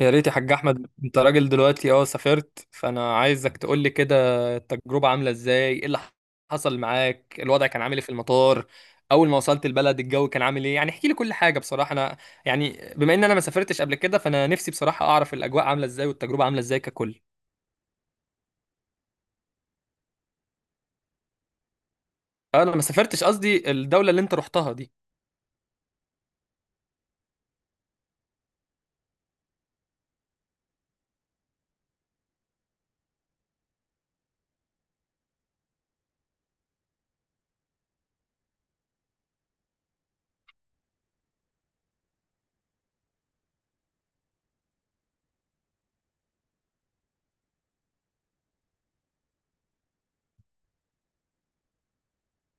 يا ريت يا حاج احمد. انت راجل دلوقتي سافرت، فانا عايزك تقول لي كده التجربه عامله ازاي؟ ايه اللي حصل معاك؟ الوضع كان عامل ايه في المطار؟ اول ما وصلت البلد الجو كان عامل ايه؟ يعني احكي لي كل حاجه بصراحه. انا يعني بما ان انا ما سافرتش قبل كده، فانا نفسي بصراحه اعرف الاجواء عامله ازاي والتجربه عامله ازاي ككل. انا ما سافرتش، قصدي الدوله اللي انت رحتها دي.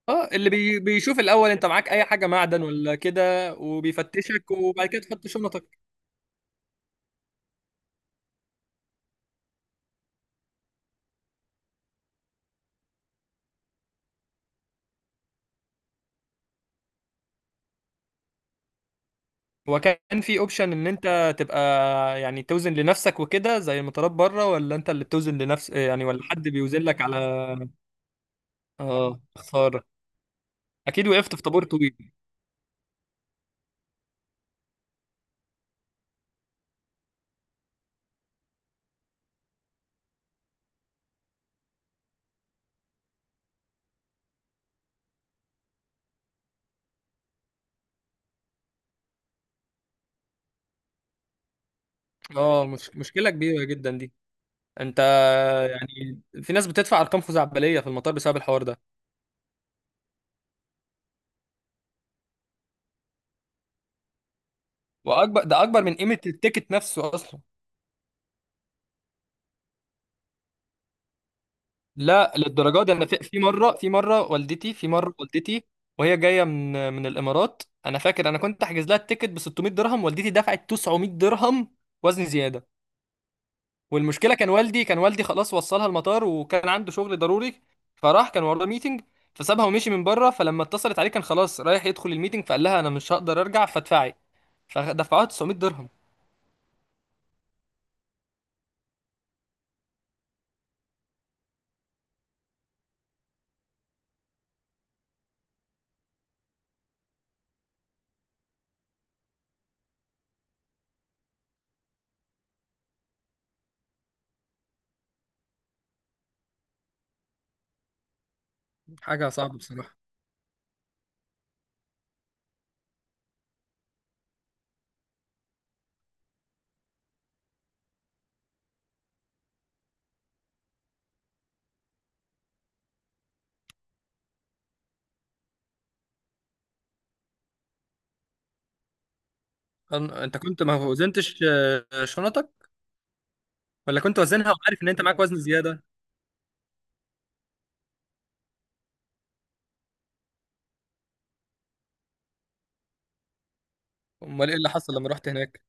اه، اللي بيشوف الاول انت معاك اي حاجه معدن ولا كده وبيفتشك، وبعد كده تحط شنطك. هو كان في اوبشن ان انت تبقى يعني توزن لنفسك وكده زي المطارات بره، ولا انت اللي بتوزن لنفس يعني، ولا حد بيوزن لك على؟ اه، خساره. اكيد وقفت في طابور طويل. اه مش... مشكله كبيره جدا دي. انت يعني في ناس بتدفع ارقام خزعبليه في المطار بسبب الحوار ده، واكبر ده اكبر من قيمه التيكت نفسه اصلا. لا، للدرجه دي، انا في مره والدتي وهي جايه من الامارات، انا فاكر انا كنت احجز لها التيكت ب 600 درهم، والدتي دفعت 900 درهم وزن زياده. والمشكله كان والدي خلاص وصلها المطار وكان عنده شغل ضروري، فراح كان وراه ميتنج، فسابها ومشي من بره. فلما اتصلت عليه كان خلاص رايح يدخل الميتنج، فقال لها انا مش هقدر ارجع فادفعي. فدفعوها 900 درهم. حاجه صعبه بصراحه. انت كنت ما وزنتش شنطك؟ ولا كنت وزنها وعارف ان انت معاك وزن زياده؟ امال ايه اللي حصل لما رحت هناك؟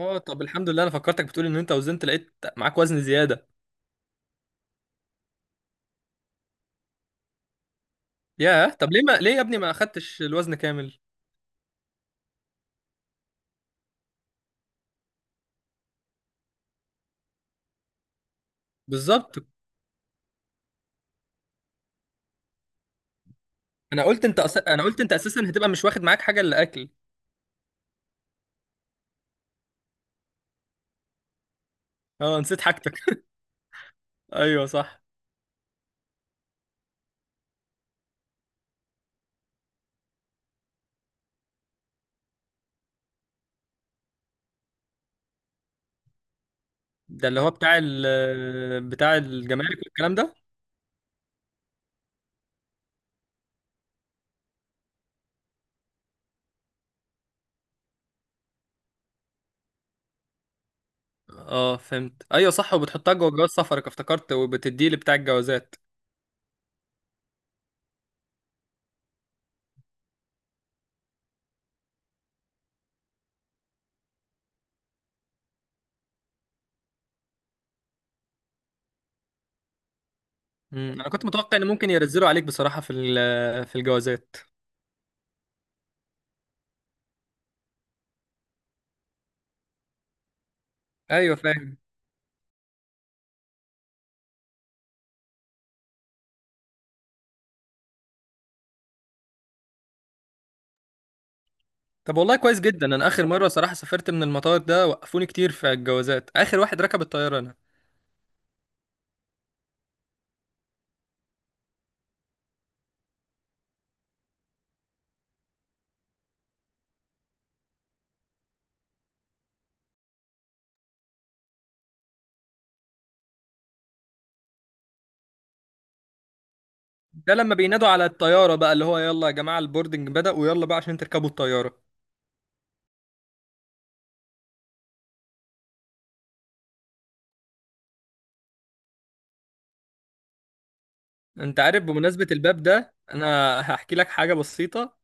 اه، طب الحمد لله. انا فكرتك بتقول ان انت وزنت لقيت معاك وزن زياده. ياه، طب ليه ما ليه يا ابني ما اخدتش الوزن كامل؟ بالظبط. انا قلت انت انا قلت انت اساسا هتبقى مش واخد معاك حاجه الا اكل. اه، نسيت حاجتك ايوه صح. ده اللي هو بتاع الجمارك والكلام ده. اه، فهمت، ايوه صح، وبتحطها جوه جواز سفرك افتكرت، وبتديه لبتاع الجوازات. مم. انا كنت متوقع ان ممكن ينزلوا عليك بصراحه في الجوازات. ايوه، فاهم. طب والله كويس جدا، انا اخر مره صراحه سافرت من المطار ده وقفوني كتير في الجوازات، اخر واحد ركب الطياره انا. ده لما بينادوا على الطياره بقى، اللي هو يلا يا جماعه البوردنج بدأ، ويلا بقى عشان تركبوا الطياره. انت عارف بمناسبه الباب ده انا هحكي لك حاجه بسيطه.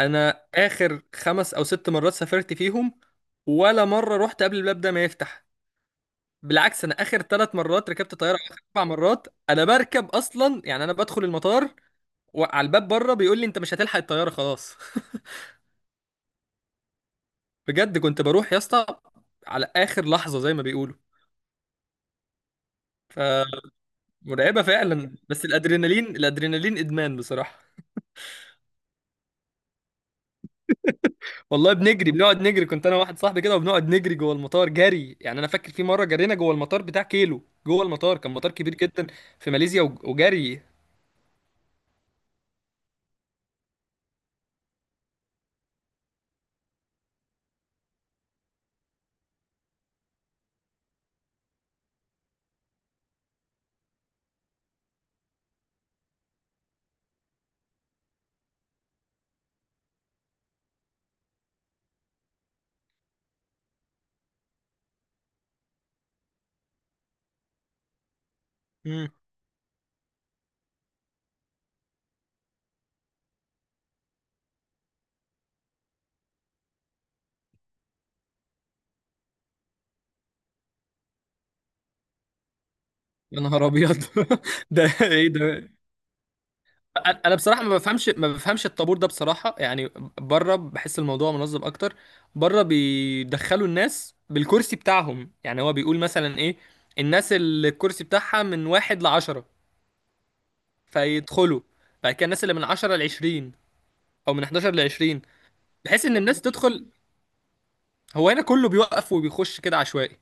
انا اخر خمس او ست مرات سافرت فيهم، ولا مره رحت قبل الباب ده ما يفتح. بالعكس، انا اخر ثلاث مرات ركبت طياره، اخر اربع مرات انا بركب اصلا، يعني انا بدخل المطار وعلى الباب بره بيقول لي انت مش هتلحق الطياره خلاص. بجد كنت بروح يا اسطى على اخر لحظه زي ما بيقولوا. فمرعبه فعلا، بس الادرينالين، الادرينالين ادمان بصراحه. والله بنجري، بنقعد نجري، كنت انا واحد صاحبي كده وبنقعد نجري جوه المطار جري. يعني انا فاكر في مره جرينا جوه المطار بتاع كيلو جوه المطار، كان مطار كبير جدا في ماليزيا، وجري. امم. يا نهار ابيض ده ايه ده؟ انا بصراحه ما بفهمش الطابور ده بصراحه يعني. بره بحس الموضوع منظم اكتر. بره بيدخلوا الناس بالكرسي بتاعهم، يعني هو بيقول مثلا ايه، الناس اللي الكرسي بتاعها من واحد لعشرة فيدخلوا، بعد كده الناس اللي من عشرة لعشرين او من 11 لعشرين، بحيث ان الناس تدخل. هو هنا كله بيوقف وبيخش كده عشوائي.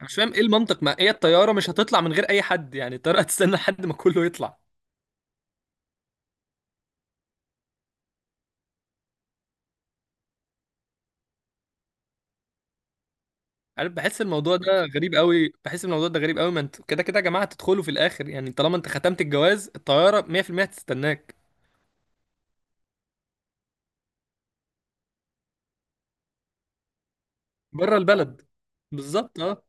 أنا مش فاهم ايه المنطق، ما هي الطياره مش هتطلع من غير اي حد، يعني الطياره هتستنى لحد ما كله يطلع. عارف، بحس الموضوع ده غريب قوي، بحس الموضوع ده غريب قوي. ما انتوا كده كده يا جماعه هتدخلوا في الاخر، يعني طالما انت ختمت الجواز الطياره 100% هتستناك. بره البلد، بالظبط اه.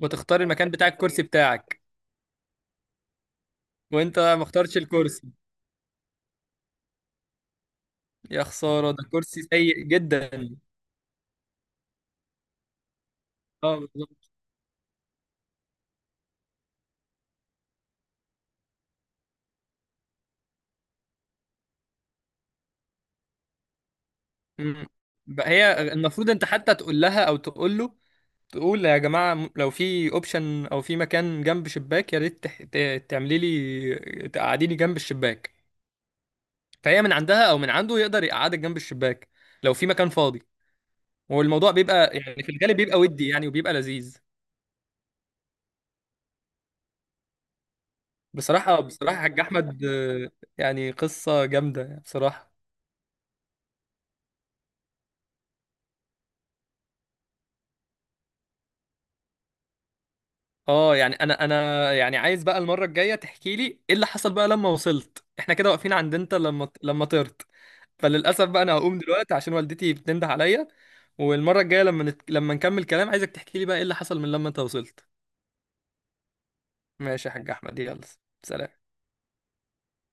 وتختار المكان بتاع الكرسي بتاعك. وانت ما اخترتش الكرسي؟ يا خساره، ده كرسي سيء جدا. اه، بالظبط. مم. بقى هي المفروض انت حتى تقول لها او تقول له، تقول يا جماعه لو في اوبشن او في مكان جنب شباك يا ريت تعملي لي تقعديني جنب الشباك. فهي من عندها او من عنده يقدر يقعدك جنب الشباك لو في مكان فاضي. والموضوع بيبقى يعني في الغالب بيبقى ودي يعني وبيبقى لذيذ. بصراحة بصراحة حاج أحمد، آه، يعني قصة جامدة بصراحة. اه يعني انا يعني عايز بقى المرة الجاية تحكي لي ايه اللي حصل بقى لما وصلت، احنا كده واقفين عند انت لما طرت. فللأسف بقى انا هقوم دلوقتي عشان والدتي بتنده عليا. والمرة الجاية لما لما نكمل كلام، عايزك تحكي لي بقى ايه اللي حصل من لما انت وصلت. ماشي يا حاج أحمد، يلا، سلام.